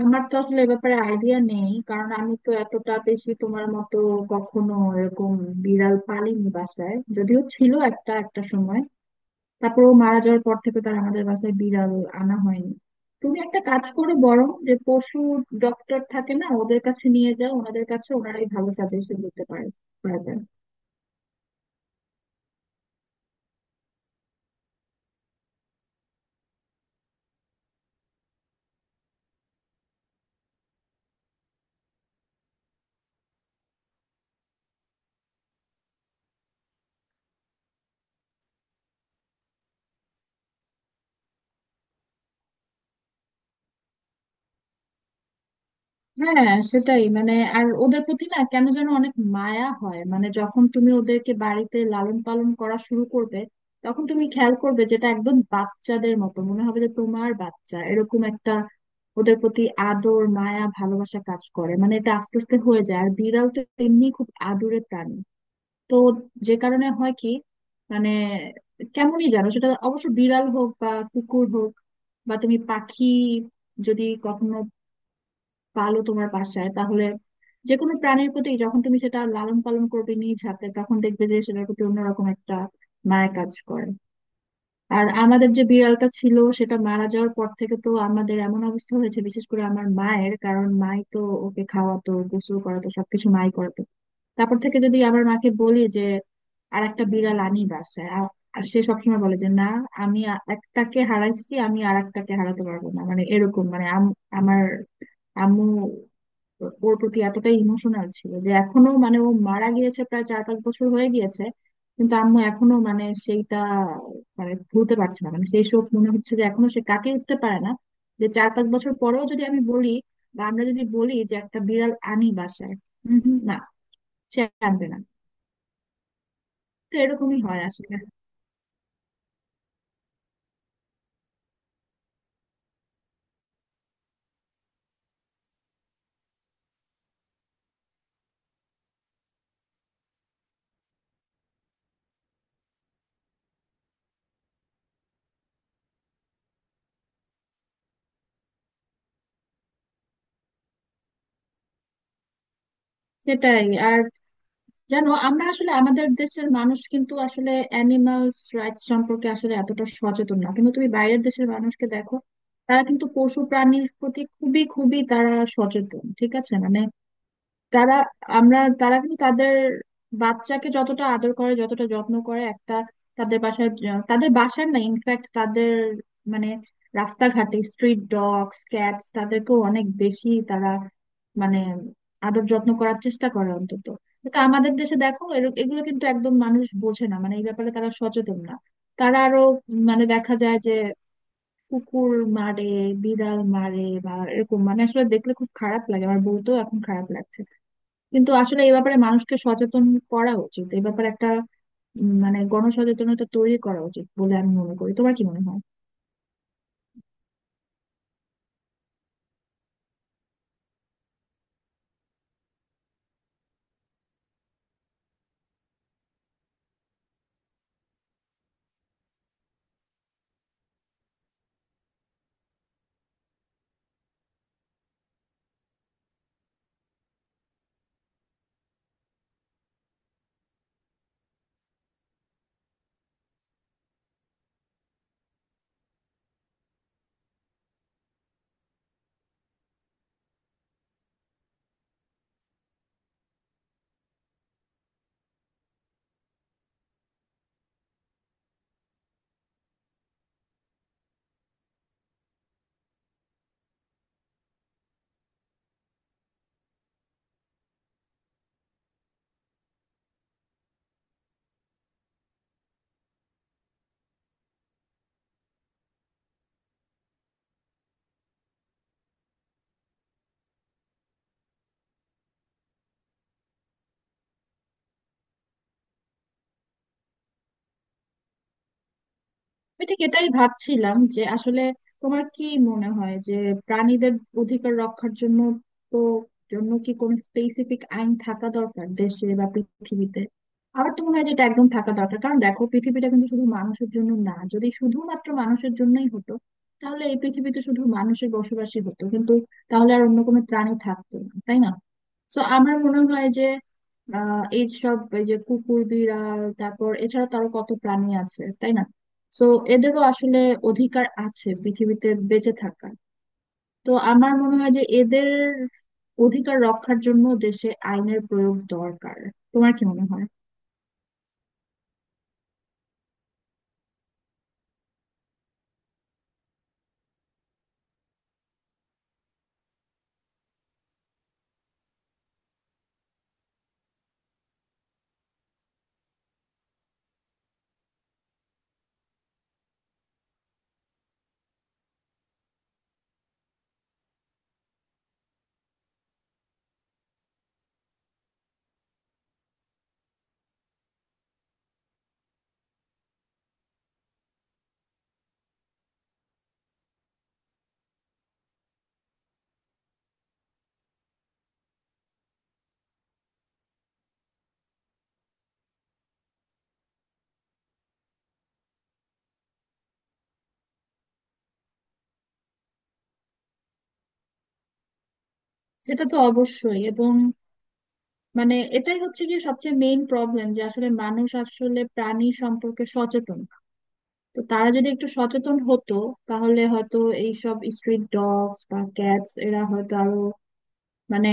আমার তো আসলে এ ব্যাপারে আইডিয়া নেই, কারণ আমি তো এতটা বেশি তোমার মতো কখনো এরকম বিড়াল পালিনি, বাসায় যদিও ছিল একটা একটা সময়। তারপর ও মারা যাওয়ার পর থেকে তার আমাদের বাসায় বিড়াল আনা হয়নি। তুমি একটা কাজ করে বরং, যে পশু ডক্টর থাকে না, ওদের কাছে নিয়ে যাও, ওনাদের কাছে, ওনারাই ভালো সাজেশন দিতে পারে, পারবেন। হ্যাঁ, সেটাই। মানে আর ওদের প্রতি না, কেন যেন অনেক মায়া হয়, মানে যখন তুমি ওদেরকে বাড়িতে লালন পালন করা শুরু করবে, তখন তুমি খেয়াল করবে, যেটা একদম বাচ্চাদের মতো মনে হবে, যে তোমার বাচ্চা এরকম একটা, ওদের প্রতি আদর মায়া ভালোবাসা কাজ করে। মানে এটা আস্তে আস্তে হয়ে যায়। আর বিড়াল তো এমনি খুব আদুরে প্রাণী, তো যে কারণে হয় কি, মানে কেমনই জানো, সেটা অবশ্য বিড়াল হোক বা কুকুর হোক, বা তুমি পাখি যদি কখনো পালো তোমার বাসায়, তাহলে যে কোনো প্রাণীর প্রতি যখন তুমি সেটা লালন পালন করবে নিজ হাতে, তখন দেখবে যে সেটার প্রতি অন্যরকম একটা মায়া কাজ করে। আর আমাদের যে বিড়ালটা ছিল সেটা মারা যাওয়ার পর থেকে তো আমাদের এমন অবস্থা হয়েছে, বিশেষ করে আমার মায়ের, কারণ মাই তো ওকে খাওয়াতো, গোসল করাতো, সবকিছু মাই করাতো। তারপর থেকে যদি আমার মাকে বলি যে আর একটা বিড়াল আনি বাসায়, আর সে সবসময় বলে যে না, আমি একটাকে হারাইছি, আমি আর একটাকে হারাতে পারবো না। মানে এরকম, মানে আমার আম্মু ওর প্রতি এতটাই ইমোশনাল ছিল, যে এখনো, মানে ও মারা গিয়েছে প্রায় 4-5 বছর হয়ে গিয়েছে, কিন্তু আম্মু এখনো, মানে সেইটা, মানে ভুলতে পারছে না। মানে সেই শোক মনে হচ্ছে যে এখনো সে কাটিয়ে উঠতে পারে না, যে 4-5 বছর পরেও যদি আমি বলি, বা আমরা যদি বলি যে একটা বিড়াল আনি বাসায়, হম হম, না, সে আনবে না। তো এরকমই হয় আসলে। সেটাই। আর জানো, আমরা আসলে আমাদের দেশের মানুষ কিন্তু আসলে অ্যানিমালস রাইটস সম্পর্কে আসলে এতটা সচেতন না, কিন্তু তুমি বাইরের দেশের মানুষকে দেখো, তারা কিন্তু পশু প্রাণীর প্রতি খুবই খুবই তারা সচেতন, ঠিক আছে। মানে তারা, আমরা, তারা কিন্তু তাদের বাচ্চাকে যতটা আদর করে, যতটা যত্ন করে একটা, তাদের বাসায় তাদের বাসার না, ইনফ্যাক্ট তাদের, মানে রাস্তাঘাটে স্ট্রিট ডগস ক্যাটস, তাদেরকেও অনেক বেশি তারা, মানে আদর যত্ন করার চেষ্টা করে অন্তত। কিন্তু আমাদের দেশে দেখো এগুলো কিন্তু একদম মানুষ বোঝে না, মানে এই ব্যাপারে তারা সচেতন না। তারা আরো, মানে দেখা যায় যে কুকুর মারে, বিড়াল মারে, বা এরকম, মানে আসলে দেখলে খুব খারাপ লাগে, আমার বলতেও এখন খারাপ লাগছে। কিন্তু আসলে এই ব্যাপারে মানুষকে সচেতন করা উচিত, এই ব্যাপারে একটা মানে গণসচেতনতা তৈরি করা উচিত বলে আমি মনে করি। তোমার কি মনে হয়? আমি ঠিক এটাই ভাবছিলাম যে আসলে তোমার কি মনে হয় যে প্রাণীদের অধিকার রক্ষার জন্য, তো জন্য কি কোনো স্পেসিফিক আইন থাকা দরকার দেশে বা পৃথিবীতে? আমার তো মনে হয় যে এটা একদম থাকা দরকার। কারণ দেখো, পৃথিবীটা কিন্তু শুধু মানুষের জন্য না। যদি শুধুমাত্র মানুষের জন্যই হতো তাহলে এই পৃথিবীতে শুধু মানুষের বসবাসই হতো, কিন্তু তাহলে আর অন্য কোনো প্রাণী থাকতো না, তাই না? সো আমার মনে হয় যে এইসব, এই যে কুকুর বিড়াল, তারপর এছাড়া তো আরো কত প্রাণী আছে, তাই না? তো এদেরও আসলে অধিকার আছে পৃথিবীতে বেঁচে থাকার। তো আমার মনে হয় যে এদের অধিকার রক্ষার জন্য দেশে আইনের প্রয়োগ দরকার। তোমার কি মনে হয়? সেটা তো অবশ্যই, এবং মানে এটাই হচ্ছে গিয়ে সবচেয়ে মেইন প্রবলেম, যে আসলে মানুষ আসলে প্রাণী সম্পর্কে সচেতন না। তো তারা যদি একটু সচেতন হতো তাহলে হয়তো এইসব স্ট্রিট ডগস বা ক্যাটস এরা হয়তো আরো, মানে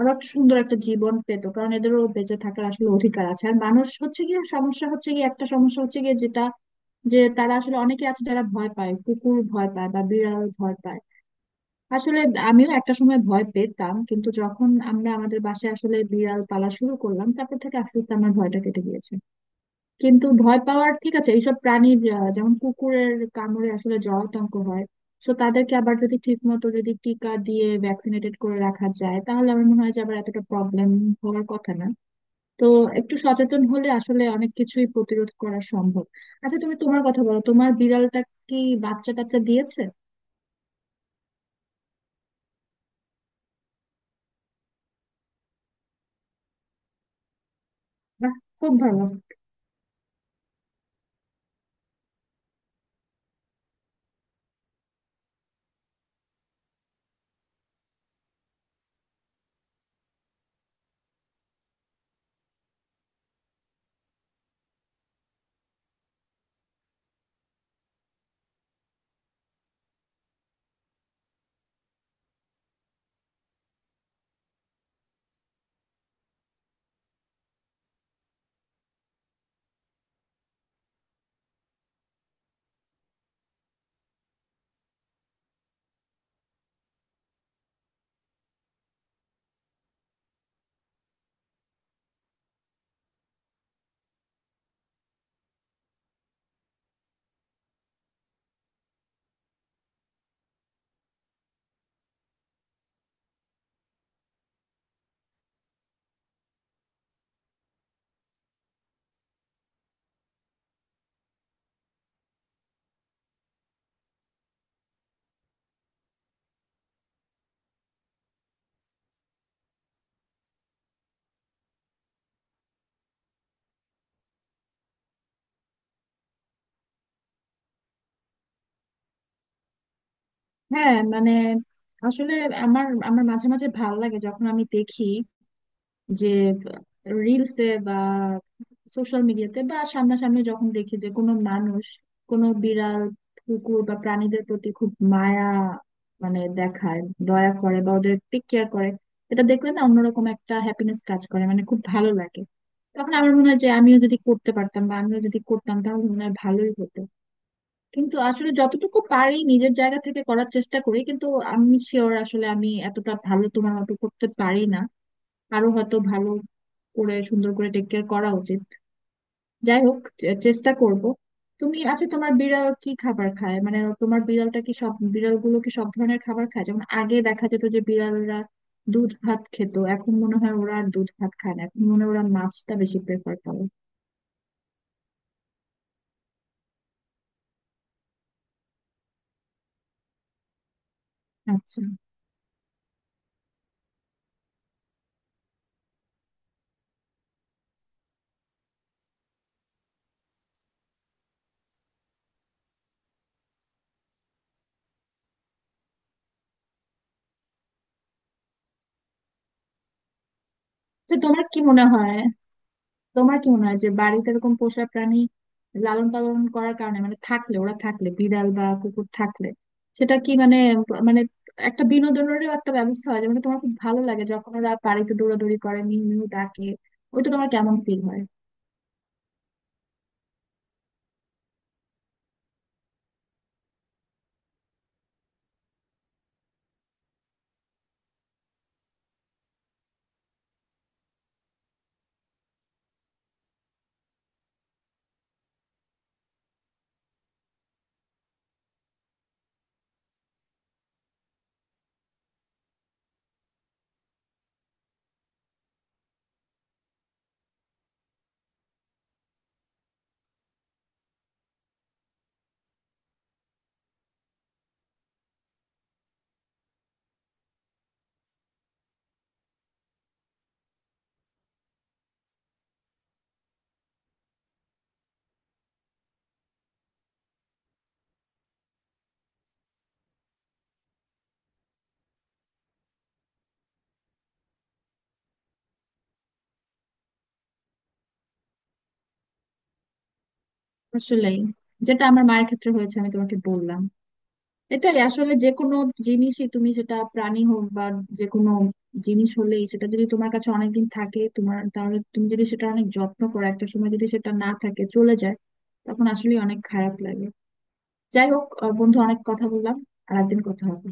ওরা সুন্দর একটা জীবন পেতো। কারণ এদেরও বেঁচে থাকার আসলে অধিকার আছে। আর মানুষ হচ্ছে গিয়ে সমস্যা, হচ্ছে গিয়ে একটা সমস্যা হচ্ছে গিয়ে, যেটা, যে তারা আসলে অনেকে আছে যারা ভয় পায়, কুকুর ভয় পায় বা বিড়াল ভয় পায়। আসলে আমিও একটা সময় ভয় পেতাম, কিন্তু যখন আমরা আমাদের বাসায় আসলে বিড়াল পালা শুরু করলাম, তারপর থেকে আস্তে আস্তে আমার ভয়টা কেটে গিয়েছে। কিন্তু ভয় পাওয়ার, ঠিক আছে, এইসব প্রাণীর যেমন কুকুরের কামড়ে আসলে জলাতঙ্ক হয়, তো তাদেরকে আবার যদি ঠিক মতো যদি টিকা দিয়ে ভ্যাকসিনেটেড করে রাখা যায়, তাহলে আমার মনে হয় যে আবার এতটা প্রবলেম হওয়ার কথা না। তো একটু সচেতন হলে আসলে অনেক কিছুই প্রতিরোধ করা সম্ভব। আচ্ছা, তুমি তোমার কথা বলো, তোমার বিড়ালটা কি বাচ্চা টাচ্চা দিয়েছে? বাহ, খুব ভালো। হ্যাঁ, মানে আসলে আমার আমার মাঝে মাঝে ভালো লাগে যখন আমি দেখি যে রিলসে বা সোশ্যাল মিডিয়াতে বা সামনাসামনি যখন দেখি যে কোনো মানুষ কোনো বিড়াল, কুকুর বা প্রাণীদের প্রতি খুব মায়া, মানে দেখায়, দয়া করে বা ওদের টেক কেয়ার করে। এটা দেখলে না অন্যরকম একটা হ্যাপিনেস কাজ করে, মানে খুব ভালো লাগে। তখন আমার মনে হয় যে আমিও যদি করতে পারতাম বা আমিও যদি করতাম তাহলে মনে হয় ভালোই হতো। কিন্তু আসলে যতটুকু পারি নিজের জায়গা থেকে করার চেষ্টা করি, কিন্তু আমি শিওর আসলে আমি এতটা ভালো তোমার মতো করতে পারি না, আরো হয়তো ভালো করে সুন্দর করে টেক কেয়ার করা উচিত। যাই হোক, চেষ্টা করব। তুমি, আচ্ছা, তোমার বিড়াল কি খাবার খায়? মানে তোমার বিড়ালটা কি, সব বিড়ালগুলো কি সব ধরনের খাবার খায়? যেমন আগে দেখা যেত যে বিড়ালরা দুধ ভাত খেত, এখন মনে হয় ওরা আর দুধ ভাত খায় না, এখন মনে হয় ওরা মাছটা বেশি প্রেফার করে। আচ্ছা, তো তোমার কি মনে হয়, তোমার কি মনে হয় যে বাড়িতে এরকম পোষা প্রাণী লালন পালন করার কারণে, মানে থাকলে, ওরা থাকলে, বিড়াল বা কুকুর থাকলে সেটা কি, মানে মানে একটা বিনোদনেরও একটা ব্যবস্থা হয়, যে মানে তোমার খুব ভালো লাগে যখন ওরা বাড়িতে দৌড়াদৌড়ি করে মিউ মিউ ডাকে, ওইটা তোমার কেমন ফিল হয়? আসলেই, যেটা আমার মায়ের ক্ষেত্রে হয়েছে, আমি তোমাকে বললাম। এটাই আসলে, যে কোনো জিনিসই তুমি, সেটা প্রাণী হোক বা যে কোনো জিনিস হলেই, সেটা যদি তোমার কাছে অনেকদিন থাকে, তোমার, তাহলে তুমি যদি সেটা অনেক যত্ন করো, একটা সময় যদি সেটা না থাকে, চলে যায়, তখন আসলে অনেক খারাপ লাগে। যাই হোক বন্ধু, অনেক কথা বললাম, আর একদিন কথা হবে।